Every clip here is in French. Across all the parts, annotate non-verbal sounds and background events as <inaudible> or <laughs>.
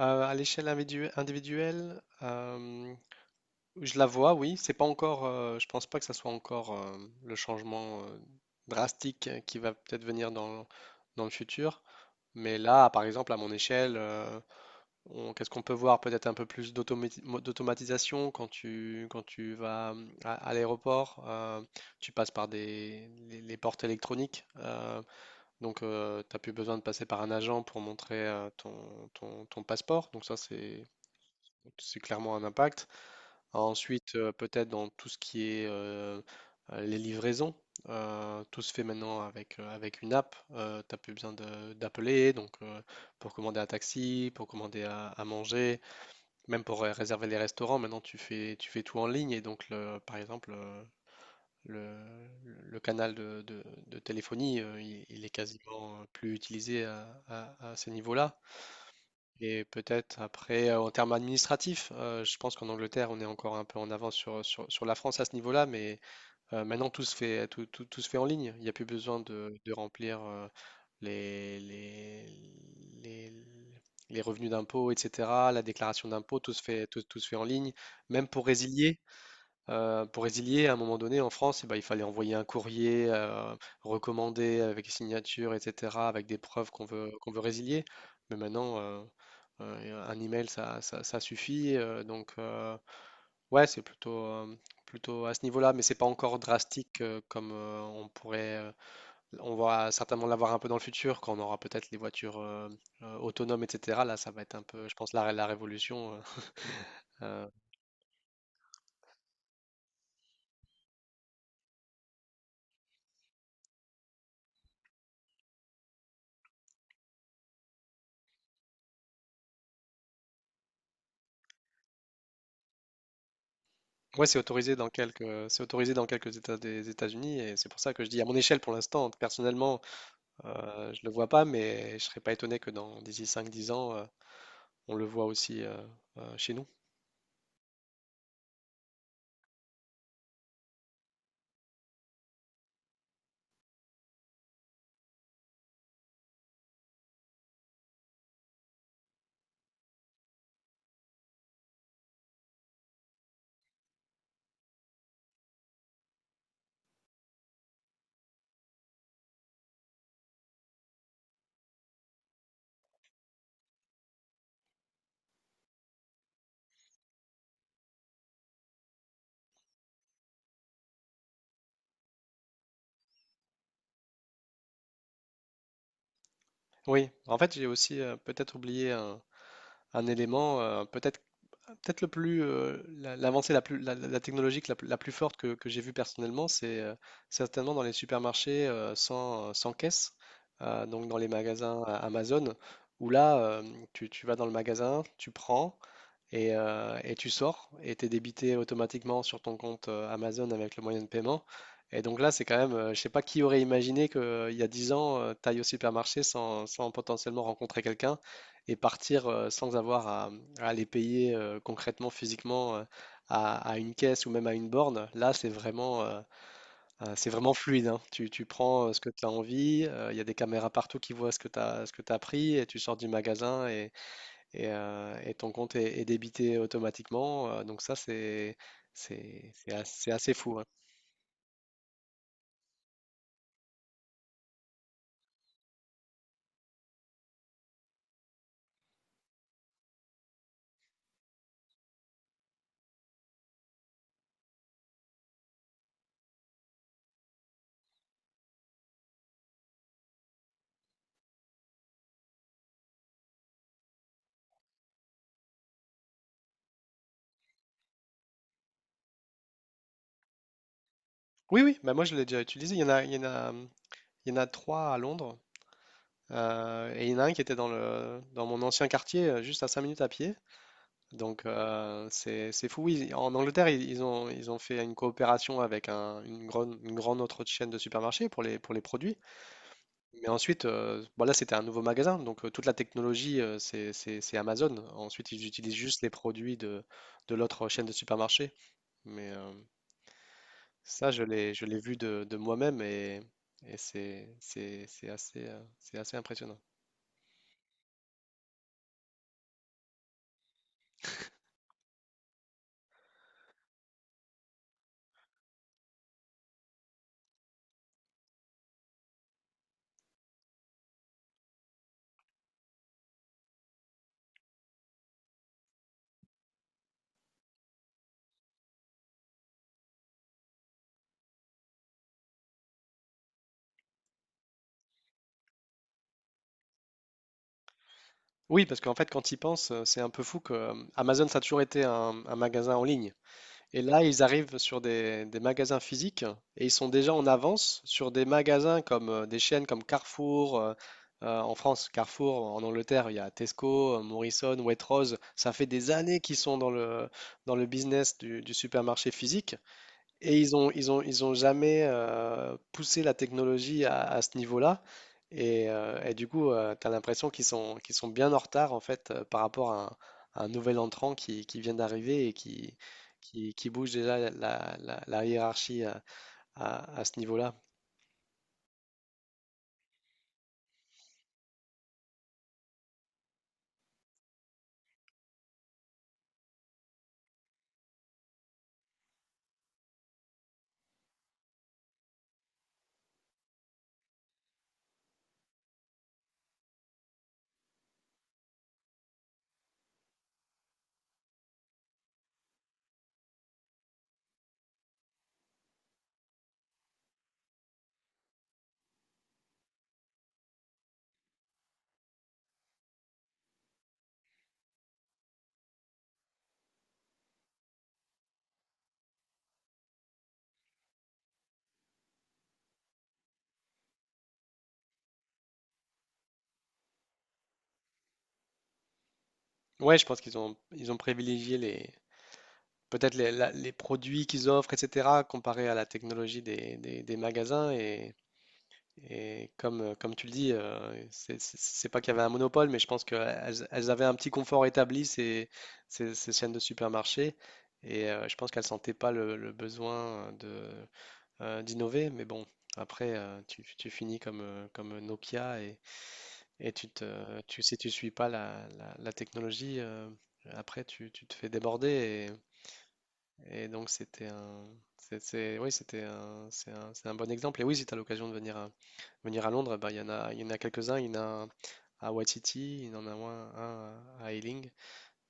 À l'échelle individuelle, je la vois, oui. C'est pas encore, je pense pas que ça soit encore le changement drastique qui va peut-être venir dans le futur. Mais là, par exemple, à mon échelle, qu'est-ce qu'on peut voir? Peut-être un peu plus d'automatisation quand tu vas à l'aéroport. Tu passes par les portes électroniques. Donc, tu n'as plus besoin de passer par un agent pour montrer ton passeport. Donc, ça, c'est clairement un impact. Ensuite, peut-être dans tout ce qui est les livraisons, tout se fait maintenant avec une app. Tu n'as plus besoin d'appeler, donc pour commander un taxi, pour commander à manger, même pour réserver les restaurants, maintenant tu fais tout en ligne. Et donc, par exemple, le, le canal de téléphonie, il est quasiment plus utilisé à ces niveaux-là. Et peut-être après, en termes administratifs, je pense qu'en Angleterre, on est encore un peu en avance sur la France à ce niveau-là, mais maintenant tout se fait en ligne. Il n'y a plus besoin de remplir les, les, les, les revenus d'impôt, etc., la déclaration d'impôt, tout se fait en ligne. Même pour résilier, pour résilier, à un moment donné, en France, eh ben, il fallait envoyer un courrier recommandé avec signature, etc., avec des preuves qu'on veut résilier. Mais maintenant, un email, ça suffit. Donc, ouais, c'est plutôt à ce niveau-là, mais c'est pas encore drastique comme on pourrait. On va certainement l'avoir un peu dans le futur, quand on aura peut-être les voitures autonomes, etc. Là, ça va être un peu, je pense, la révolution. Euh, Ouais, c'est autorisé dans quelques États des États-Unis, et c'est pour ça que je dis, à mon échelle, pour l'instant, personnellement, je le vois pas, mais je serais pas étonné que dans d'ici 5-10 ans, on le voit aussi chez nous. Oui, en fait, j'ai aussi peut-être oublié un élément, peut-être Peut-être le plus la- l'avancée la plus la technologique la plus forte que j'ai vue personnellement, c'est certainement dans les supermarchés sans caisse, donc dans les magasins Amazon, où là tu vas dans le magasin, tu prends, et tu sors et t'es débité automatiquement sur ton compte Amazon avec le moyen de paiement. Et donc là, c'est quand même, je sais pas qui aurait imaginé qu'il y a 10 ans, tu ailles au supermarché sans potentiellement rencontrer quelqu'un et partir sans avoir à aller payer concrètement, physiquement à une caisse ou même à une borne. Là, c'est vraiment fluide, hein. Tu prends ce que tu as envie, il y a des caméras partout qui voient ce que tu pris, et tu sors du magasin et ton compte est débité automatiquement. Donc ça, c'est assez fou, hein. Oui, oui, bah moi je l'ai déjà utilisé. Il y en a, il y en a, Il y en a trois à Londres. Et il y en a un qui était dans mon ancien quartier, juste à 5 minutes à pied. Donc c'est fou. Oui, en Angleterre, ils ont fait une coopération avec une grande autre chaîne de supermarchés pour les produits. Mais ensuite, bon, là, c'était un nouveau magasin, donc toute la technologie, c'est Amazon. Ensuite, ils utilisent juste les produits de l'autre chaîne de supermarché. Mais ça, je l'ai vu de moi-même, et c'est assez impressionnant. Oui, parce qu'en fait, quand ils pensent, c'est un peu fou que Amazon, ça a toujours été un magasin en ligne. Et là, ils arrivent sur des magasins physiques, et ils sont déjà en avance sur des magasins comme des chaînes comme Carrefour. En France, Carrefour, en Angleterre, il y a Tesco, Morrison, Waitrose. Ça fait des années qu'ils sont dans le business du supermarché physique, et ils ont jamais poussé la technologie à ce niveau-là. Et du coup, tu as l'impression qu'ils sont bien en retard en fait par rapport à un nouvel entrant qui vient d'arriver et qui bouge déjà la hiérarchie à ce niveau-là. Ouais, je pense ils ont privilégié les, peut-être les, la- les produits qu'ils offrent, etc., comparé à la technologie des magasins. Et comme tu le dis, c'est pas qu'il y avait un monopole, mais je pense qu'elles elles avaient un petit confort établi, ces chaînes de supermarchés. Et je pense qu'elles sentaient pas le besoin d'innover. Mais bon, après, tu finis comme Nokia, et si tu suis pas la technologie, après, tu te fais déborder. Et donc c'était un, c'est- oui, c'est un bon exemple. Et oui, si tu as l'occasion de venir venir à Londres, bah, il y en a quelques-uns. Il y en a un à Waititi, il y en a un à Ealing.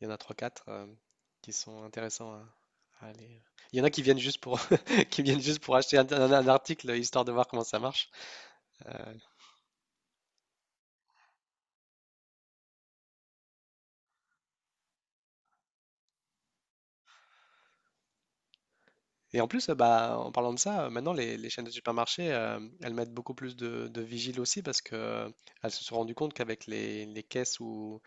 Il y en a 3-4 qui sont intéressants à aller. Il y en a qui viennent juste pour, <laughs> qui viennent juste pour acheter un article, histoire de voir comment ça marche. Euh, et en plus, bah, en parlant de ça, maintenant, les chaînes de supermarchés, elles mettent beaucoup plus de vigiles aussi, parce que elles se sont rendues compte qu'avec les caisses où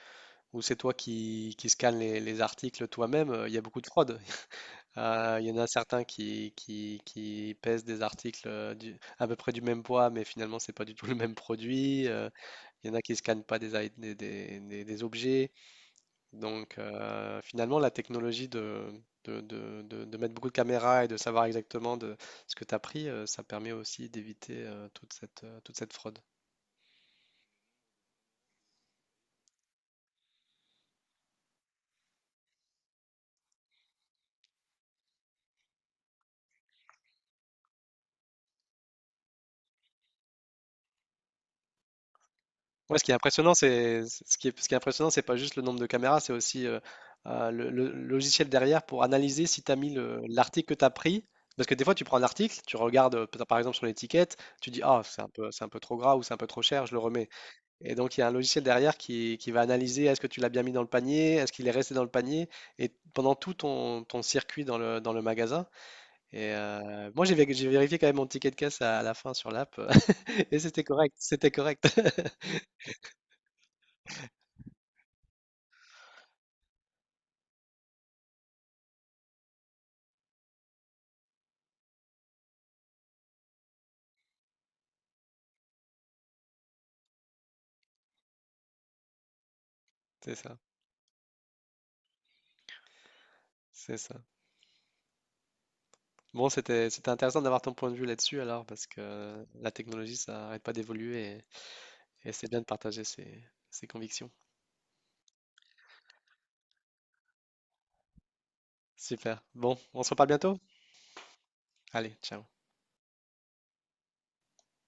ou c'est toi qui scannes les articles toi-même, il y a beaucoup de fraude. <laughs> Il y en a certains qui pèsent des articles à peu près du même poids, mais finalement, c'est pas du tout le même produit. Il y en a qui scannent pas des, i- des objets. Donc, finalement, la technologie de mettre beaucoup de caméras et de savoir exactement de ce que tu as pris, ça permet aussi d'éviter toute cette fraude. Ouais, ce qui est impressionnant, c'est ce qui est impressionnant, c'est pas juste le nombre de caméras, c'est aussi le logiciel derrière pour analyser si tu as mis l'article que tu as pris. Parce que des fois, tu prends un article, tu regardes peut-être par exemple sur l'étiquette, tu dis: « Ah, c'est un peu trop gras, ou c'est un peu trop cher, je le remets. » Et donc, il y a un logiciel derrière qui va analyser est-ce que tu l'as bien mis dans le panier, est-ce qu'il est resté dans le panier, et pendant tout ton circuit dans le magasin. Et moi, j'ai vérifié quand même mon ticket de caisse à la fin sur l'app, <laughs> et c'était correct, c'était correct. <laughs> C'est ça, c'est ça. Bon, c'était intéressant d'avoir ton point de vue là-dessus alors, parce que la technologie, ça n'arrête pas d'évoluer, et c'est bien de partager ses convictions. Super. Bon, on se reparle bientôt? Allez, ciao.